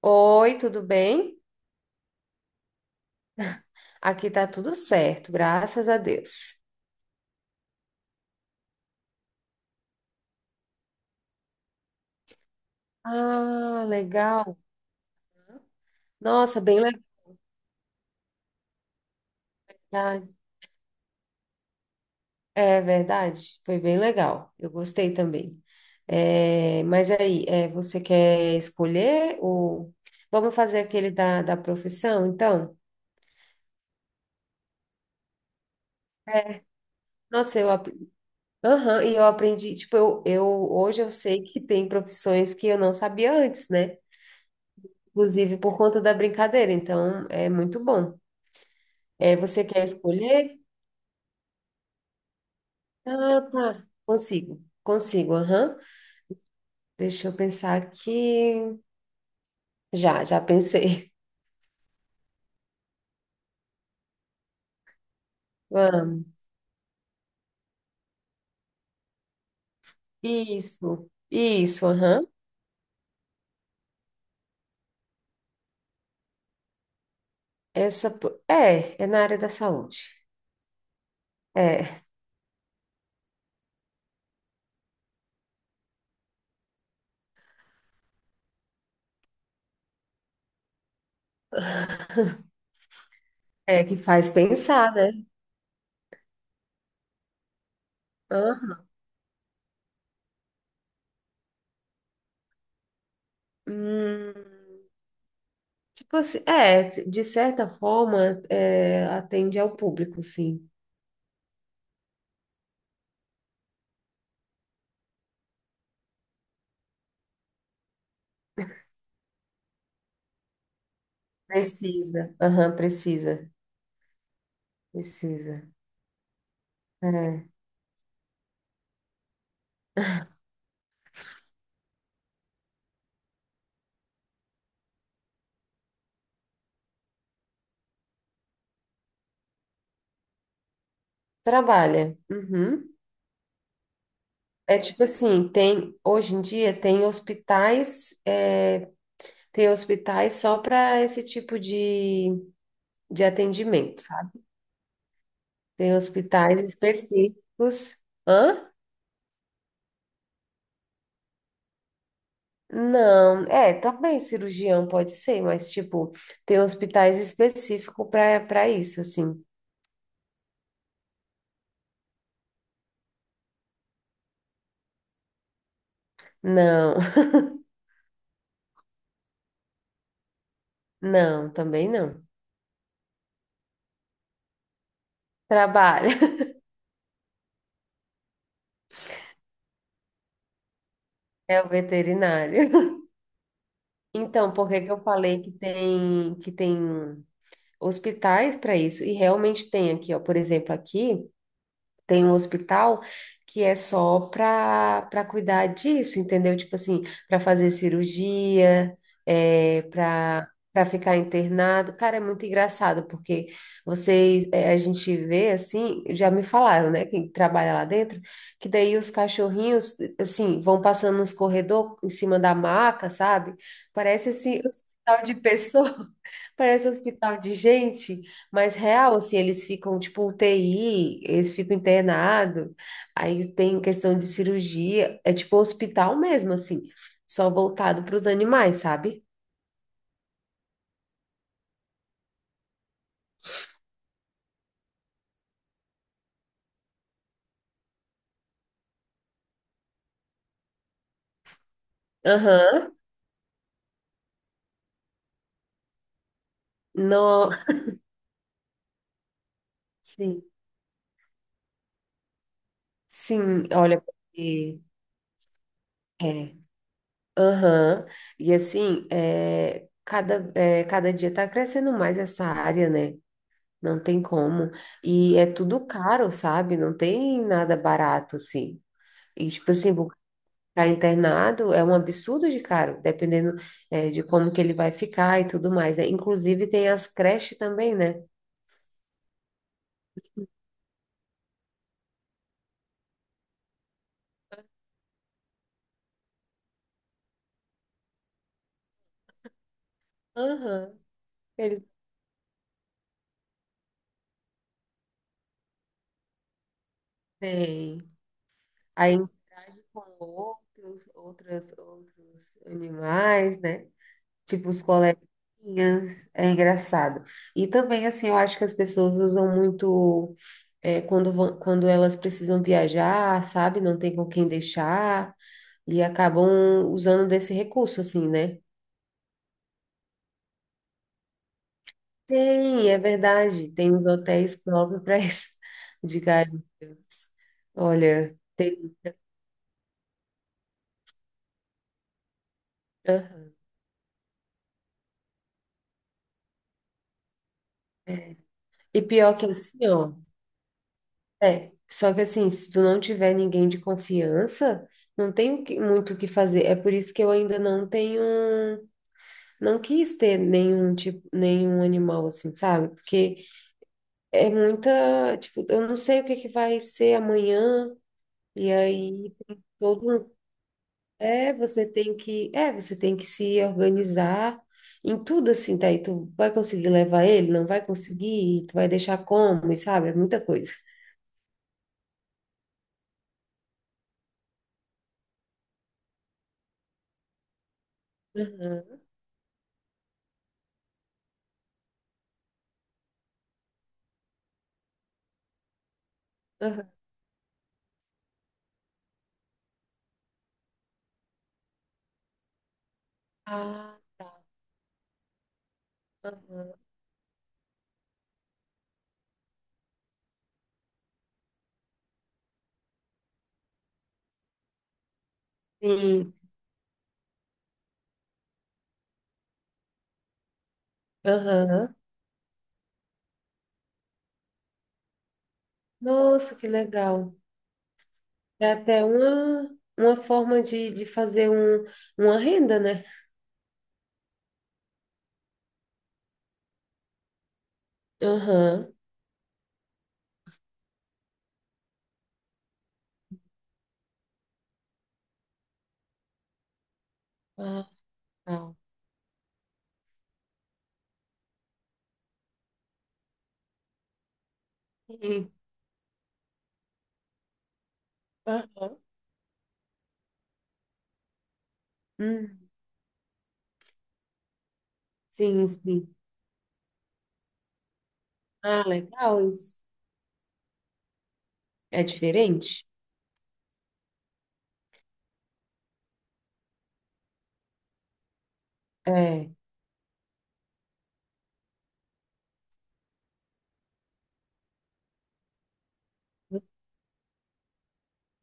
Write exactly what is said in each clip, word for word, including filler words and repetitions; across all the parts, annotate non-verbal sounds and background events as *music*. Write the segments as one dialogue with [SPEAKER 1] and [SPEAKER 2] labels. [SPEAKER 1] Oi, tudo bem? Aqui tá tudo certo, graças a Deus. Ah, legal. Nossa, bem legal. É verdade, foi bem legal. Eu gostei também. É, mas aí, é, você quer escolher ou vamos fazer aquele da, da profissão, então? Nossa, eu, ap- Aham, e eu aprendi, tipo, eu, eu hoje eu sei que tem profissões que eu não sabia antes, né? Inclusive por conta da brincadeira, então é muito bom. É, você quer escolher? Ah, tá. Consigo, consigo, aham. Deixa eu pensar aqui. Já, já pensei. *laughs* Vamos. Isso, isso, aham. Essa po- é, é na área da saúde. É, é que faz pensar, né? Aham. Hum, tipo assim, é, de certa forma, é, atende ao público, sim. Precisa, aham, precisa, precisa. É. Trabalha. Uhum. É tipo assim, tem hoje em dia tem hospitais, é, tem hospitais só para esse tipo de, de atendimento, sabe? Tem hospitais específicos. Hã? Não, é, também cirurgião pode ser, mas tipo, tem hospitais específicos para para isso, assim. Não, *laughs* não, também não. Trabalha, *laughs* é o veterinário. *laughs* Então, por que que eu falei que tem que tem hospitais para isso. E realmente tem aqui, ó, por exemplo, aqui tem um hospital que é só para para cuidar disso, entendeu? Tipo assim, para fazer cirurgia, é, para para ficar internado. Cara, é muito engraçado porque vocês, é, a gente vê assim, já me falaram, né, quem trabalha lá dentro, que daí os cachorrinhos assim vão passando nos corredores em cima da maca, sabe? Parece assim, *laughs* hospital de pessoa. *laughs* Parece hospital de gente. Mas real, assim, eles ficam tipo U T I, eles ficam internados, aí tem questão de cirurgia, é tipo hospital mesmo, assim, só voltado para os animais, sabe? Aham, No... Sim, sim, olha, porque- é, aham. E assim, é, cada, é, cada dia tá crescendo mais essa área, né? Não tem como, e é tudo caro, sabe? Não tem nada barato, assim. E, tipo assim, para internado é um absurdo de caro, dependendo, eh, de como que ele vai ficar e tudo mais, né? Inclusive tem as creches também, né? Aham, ele tem. Aí interage com outros, outras, outros animais, né? Tipo os coleguinhas, é engraçado. E também, assim, eu acho que as pessoas usam muito, eh, quando vão, quando elas precisam viajar, sabe? Não tem com quem deixar, e acabam usando desse recurso, assim, né? Tem, é verdade. Tem uns hotéis próprios para isso. *laughs* Diga, ai, meu Deus. Olha, tem. Aham, é. E pior que assim, ó. É, só que assim, se tu não tiver ninguém de confiança, não tem o que- muito o que fazer. É por isso que eu ainda não tenho, não quis ter nenhum tipo, nenhum animal assim, sabe? Porque é muita, tipo, eu não sei o que que vai ser amanhã, e aí todo um É, você tem que, é, você tem que se organizar em tudo assim, tá? E tu vai conseguir levar ele, não vai conseguir, tu vai deixar como, e sabe? É muita coisa. Aham, aham. Ah, aham. Sim, aham. Nossa, que legal. É até uma, uma forma de, de fazer um, uma renda, né? Aham. Ah, legal. Sim. Aham. Hum. Sim, sim. Ah, legal isso. É diferente?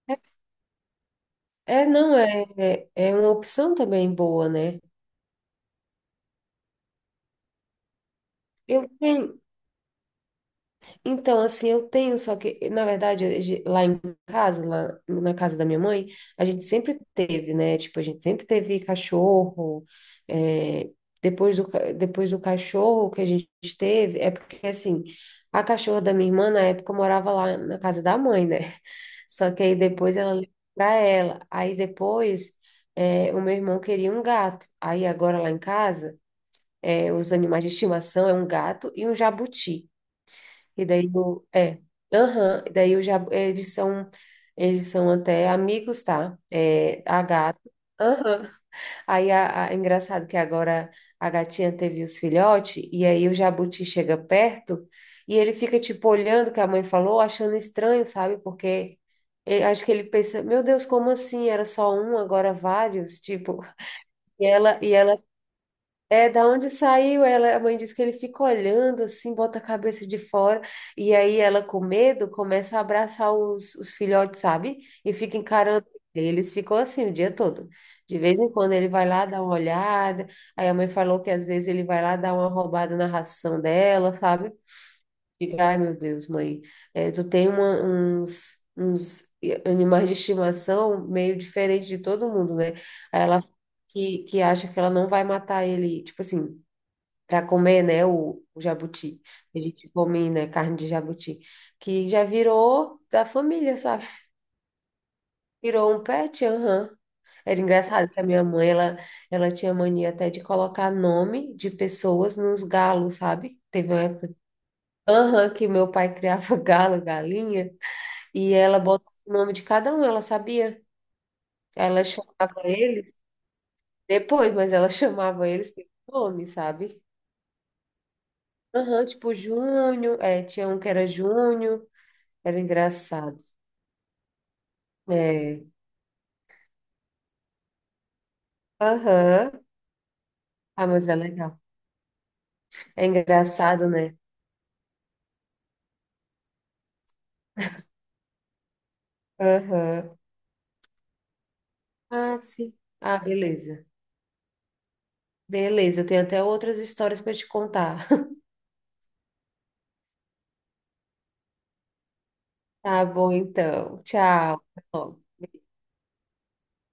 [SPEAKER 1] É. É, não, é, é é uma opção também boa, né? Eu tenho, então, assim, eu tenho, só que, na verdade, a gen- lá em casa, lá na casa da minha mãe, a gente sempre teve, né? Tipo, a gente sempre teve cachorro, é, depois do, ca- depois do cachorro que a gente teve, é porque, assim, a cachorra da minha irmã, na época, morava lá na casa da mãe, né? *laughs* Só que aí depois ela levou pra ela, aí depois, é, o meu irmão queria um gato, aí agora lá em casa é, os animais de estimação é um gato e um jabuti. E daí o, é, aham, e daí o jabu, eles são eles são até amigos, tá? É, a gata. Aham. Aí a, a- é engraçado que agora a gatinha teve os filhotes e aí o jabuti chega perto e ele fica tipo olhando o que a mãe falou, achando estranho, sabe? Porque ele- acho que ele pensa, meu Deus, como assim? Era só um, agora vários, tipo. E ela e ela é, da onde saiu ela? A mãe disse que ele fica olhando assim, bota a cabeça de fora, e aí ela, com medo, começa a abraçar os, os filhotes, sabe? E fica encarando ele. Eles ficam assim o dia todo. De vez em quando ele vai lá dar uma olhada, aí a mãe falou que às vezes ele vai lá dar uma roubada na ração dela, sabe? Fica, ai meu Deus, mãe, é, tu tem uma- uns, uns animais de estimação meio diferente de todo mundo, né? Aí ela que, que acha que ela não vai matar ele, tipo assim para comer, né, o, o jabuti. A gente come, né, carne de jabuti, que já virou da família, sabe? Virou um pet, aham. Era engraçado que a minha mãe, ela, ela tinha mania até de colocar nome de pessoas nos galos, sabe? Teve uma época, aham, que meu pai criava *laughs* galo, galinha, e ela botava o nome de cada um, ela sabia. Ela chamava eles depois, mas ela *laughs* chamava eles pelo nome, sabe? Aham, tipo Júnior, é, tinha um que era Júnior. Era engraçado. É. Aham. Ah, mas é legal. É engraçado, né? Aham. Ah, sim. Ah, beleza. Beleza, eu tenho até outras histórias para te contar. *laughs* Tá bom, então. Tchau. Até logo.